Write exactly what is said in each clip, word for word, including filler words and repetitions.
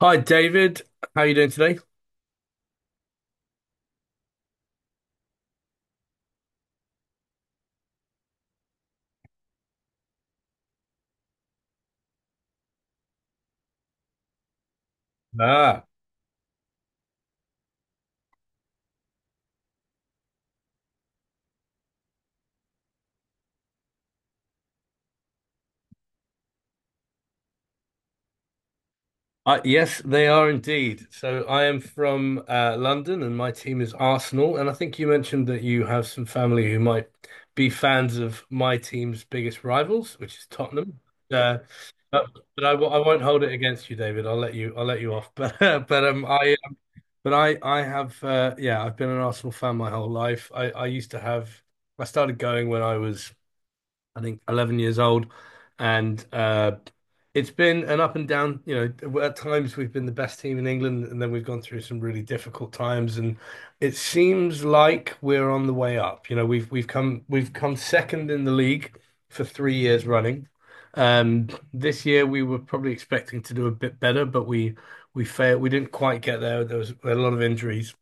Hi David, how are you doing today? Ah, Uh, yes, they are indeed. So I am from uh, London and my team is Arsenal. And I think you mentioned that you have some family who might be fans of my team's biggest rivals, which is Tottenham. Uh, but but I, w I won't hold it against you, David. I'll let you I'll let you off. But uh, but um I but I I have uh, yeah, I've been an Arsenal fan my whole life. I I used to have I started going when I was I think 11 years old, and uh, it's been an up and down, you know, at times we've been the best team in England, and then we've gone through some really difficult times, and it seems like we're on the way up. You know, we've we've come we've come second in the league for three years running. Um, this year we were probably expecting to do a bit better, but we we failed. We didn't quite get there. There was a lot of injuries,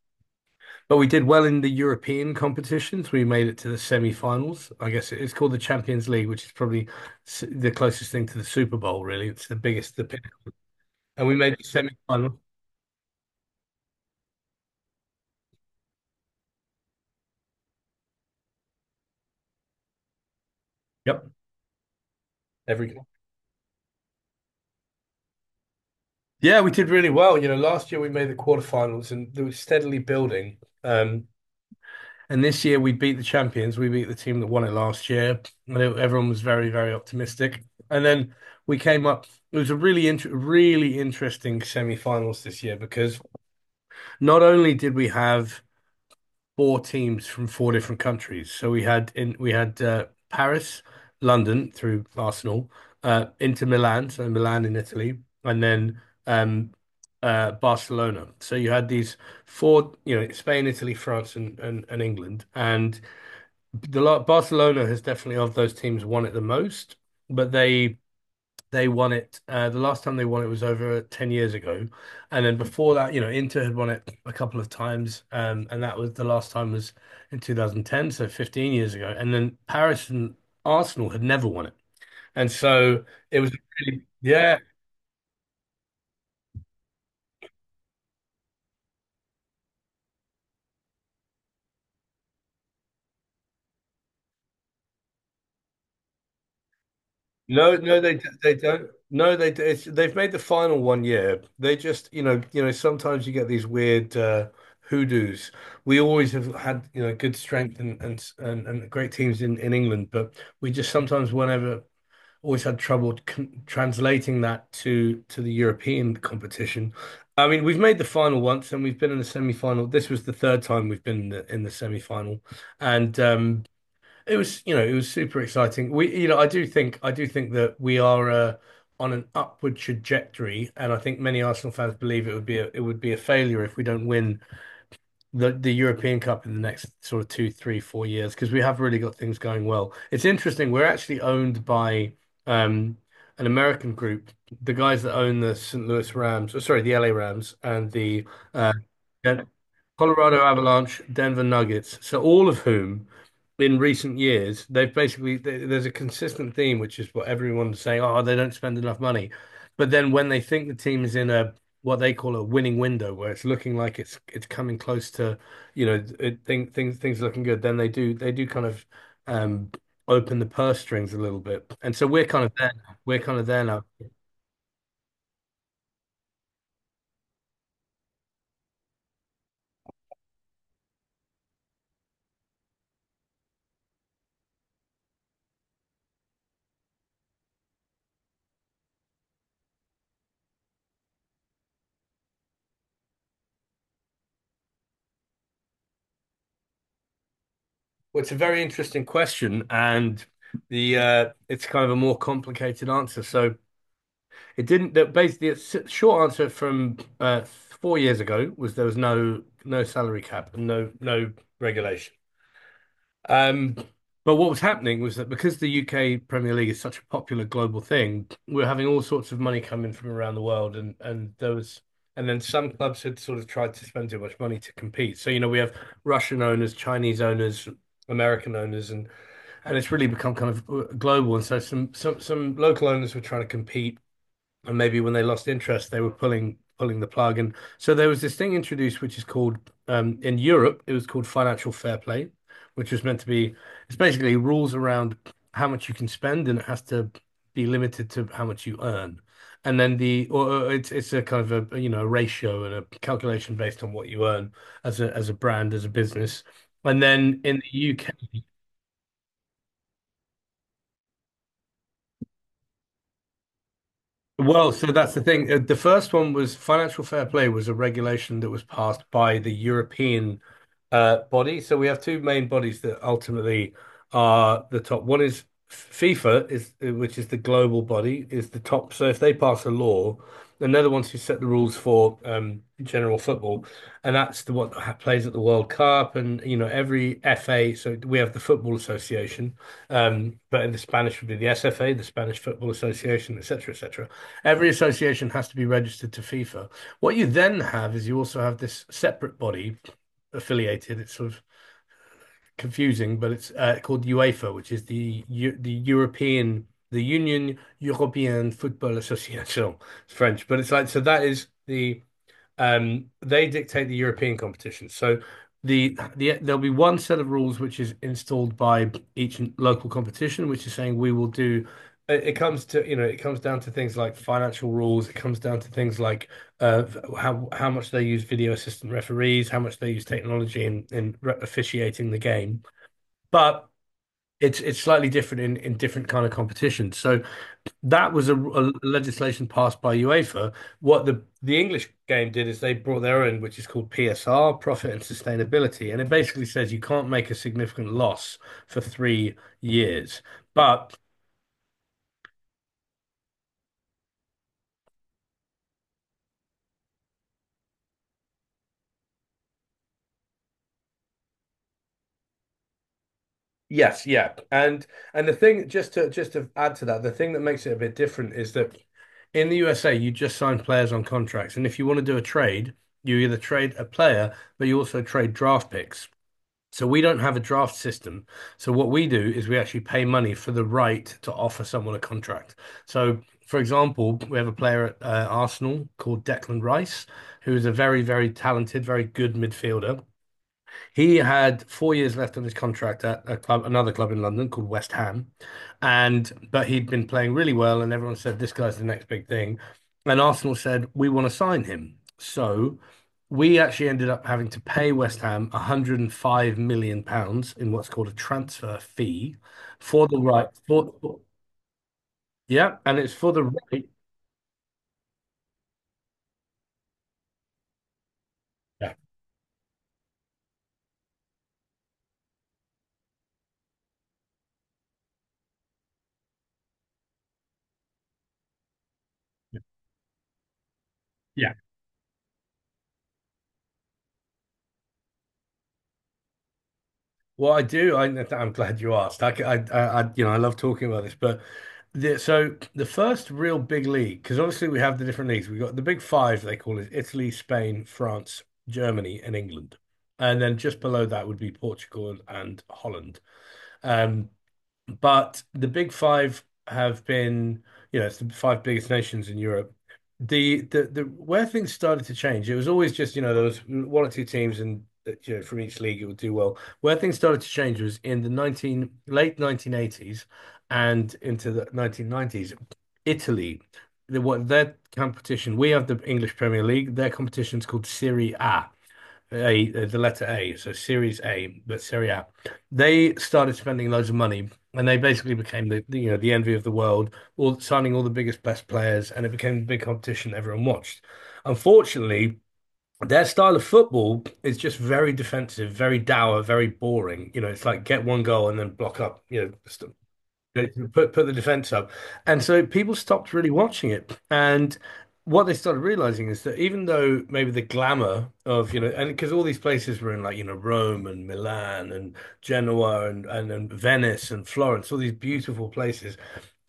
but we did well in the European competitions. We made it to the semi-finals. I guess it's called the Champions League, which is probably s- the closest thing to the Super Bowl, really. It's the biggest, the pin- and we made the semi-final. Yep, every yeah, we did really well. You know, last year we made the quarterfinals, and they were steadily building. Um, and this year we beat the champions. We beat the team that won it last year, and it- everyone was very, very optimistic. And then we came up. It was a really, int really interesting semi-finals this year because not only did we have four teams from four different countries. So we had in we had uh, Paris, London through Arsenal, uh, Inter Milan, so Milan in Italy, and then um, uh, Barcelona. So you had these four, you know, Spain, Italy, France, and and, and England. And the lot Barcelona has definitely of those teams won it the most, but they they won it. Uh, the last time they won it was over ten years ago. And then before that, you know, Inter had won it a couple of times. Um, and that was the last time was in twenty ten, so fifteen years ago. And then Paris and Arsenal had never won it. And so it was really, yeah. No, no, they d- they don't. No, they d- it's, They've made the final one year. They just, you know, you know, sometimes you get these weird uh, hoodoos. We always have had, you know, good strength and and s- and, and great teams in in England, but we just sometimes whenever always had trouble con translating that to to the European competition. I mean, we've made the final once, and we've been in the semi-final. This was the third time we've been in the, in the semi-final, and um, it was, you know, it was super exciting. We, you know, I do think, I do think that we are uh, on an upward trajectory, and I think many Arsenal fans believe it would be a, it would be a failure if we don't win the the European Cup in the next sort of two, three, four years because we have really got things going well. It's interesting. We're actually owned by um, an American group, the guys that own the saint Louis Rams, or sorry, the L A Rams and the uh, yeah. Colorado Avalanche, Denver Nuggets. So all of whom in recent years, they've basically th there's a consistent theme, which is what everyone's saying, oh, they don't spend enough money. But then when they think the team is in a what they call a winning window, where it's looking like it's it's coming close to, you know, it, thing, things things are looking good, then they do they do kind of um open the purse strings a little bit. And so we're kind of there now. We're kind of there now. Well, it's a very interesting question, and the uh, it's kind of a more complicated answer. So it didn't. That basically, the short answer from uh, four years ago was there was no no salary cap and no no regulation. Um, but what was happening was that because the U K Premier League is such a popular global thing, we are having all sorts of money come in from around the world, and and there was. And then some clubs had sort of tried to spend too much money to compete. So, you know, we have Russian owners, Chinese owners, American owners, and and it's really become kind of uh, global. And so some some some local owners were trying to compete, and maybe when they lost interest, they were pulling pulling the plug. And so there was this thing introduced, which is called um, in Europe, it was called financial fair play, which was meant to be it's basically rules around how much you can spend, and it has to be limited to how much you earn. And then the or it's it's a kind of a, you know, a ratio and a calculation based on what you earn as a as a brand as a business. And then in the U K, well, so that's the thing. Uh, The first one was financial fair play was a regulation that was passed by the European uh, body. So we have two main bodies that ultimately are the top. One is FIFA is uh, which is the global body is the top. So if they pass a law, and they're the ones who set the rules for um, general football, and that's the one that ha- plays at the World Cup and you know every F A. So we have the Football Association, um, but in the Spanish would be the S F A, the Spanish Football Association, et cetera, et cetera. Every association has to be registered to FIFA. What you then have is you also have this separate body affiliated. It's sort of confusing, but it's uh, called UEFA, which is the the European the Union Européenne Football Association. It's French, but it's like so that is the um, they dictate the European competition. So the the there'll be one set of rules which is installed by each local competition, which is saying we will do. It it comes to, you know, it comes down to things like financial rules. It comes down to things like uh, how how much they use video assistant referees, how much they use technology in in re- officiating the game. But it's it's slightly different in in different kind of competitions. So that was a, a legislation passed by UEFA. What the the English game did is they brought their own, which is called P S R, profit and sustainability, and it basically says you can't make a significant loss for three years. But yes, yeah, and and the thing just to just to add to that, the thing that makes it a bit different is that in the U S A you just sign players on contracts, and if you want to do a trade, you either trade a player, but you also trade draft picks. So we don't have a draft system. So what we do is we actually pay money for the right to offer someone a contract. So, for example, we have a player at uh, Arsenal called Declan Rice, who is a very, very talented, very good midfielder. He had four years left on his contract at a club, another club in London called West Ham, and but he'd been playing really well, and everyone said this guy's the next big thing, and Arsenal said we want to sign him. So we actually ended up having to pay West Ham one hundred five million pounds in what's called a transfer fee for the right for, for- Yeah, and it's for the right. Yeah, yeah. Well, I do. I, I'm glad you asked. I, I, I, you know, I love talking about this, but the, so the first real big league, because obviously we have the different leagues. We've got the big five, they call it Italy, Spain, France, Germany, and England. And then just below that would be Portugal and, and Holland. Um, but the Big Five have been, you know, it's the five biggest nations in Europe. The the the where things started to change, it was always just, you know, there was one or two teams and uh, you know from each league it would do well. Where things started to change was in the nineteen late nineteen eighties and into the nineteen nineties. Italy, the what their competition, we have the English Premier League, their competition's called Serie A. A, uh, the letter A, so Series A, but Serie A. They started spending loads of money, and they basically became the, the, you know, the envy of the world, all signing all the biggest best players, and it became the big competition everyone watched. Unfortunately, their style of football is just very defensive, very dour, very boring. You know, it's like get one goal and then block up. You know, st- they can put put the defense up. And so people stopped really watching it. And what they started realizing is that even though maybe the glamour of, you know, and because all these places were in like, you know, Rome and Milan and Genoa and, and, and Venice and Florence, all these beautiful places.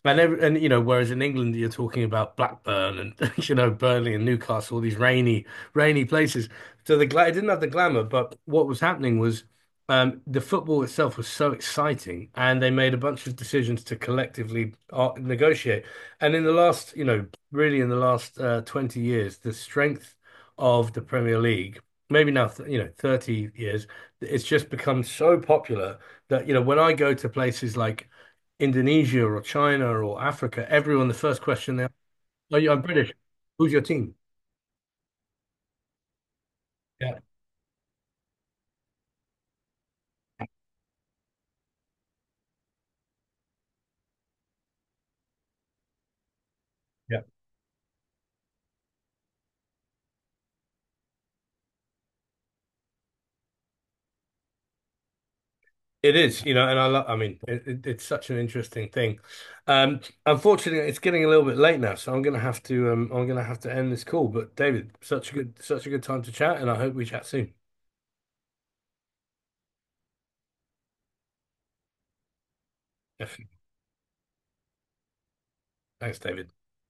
And every, and, you know, whereas in England you're talking about Blackburn and you know Burnley and Newcastle, all these rainy, rainy places. So the gla it didn't have the glamour, but what was happening was um, the football itself was so exciting, and they made a bunch of decisions to collectively uh, negotiate. And in the last, you know, really in the last uh, twenty years, the strength of the Premier League, maybe now, th you know, thirty years, it's just become so popular that, you know, when I go to places like Indonesia or China or Africa, everyone, the first question they ask, are you, I'm British. Who's your team? Yeah, yeah. It is, you know, and I love, I mean, it, it, it's such an interesting thing. Um, Unfortunately, it's getting a little bit late now, so I'm gonna have to, um, I'm gonna have to end this call. But David, such a good, such a good time to chat, and I hope we chat soon. Definitely. Thanks, David.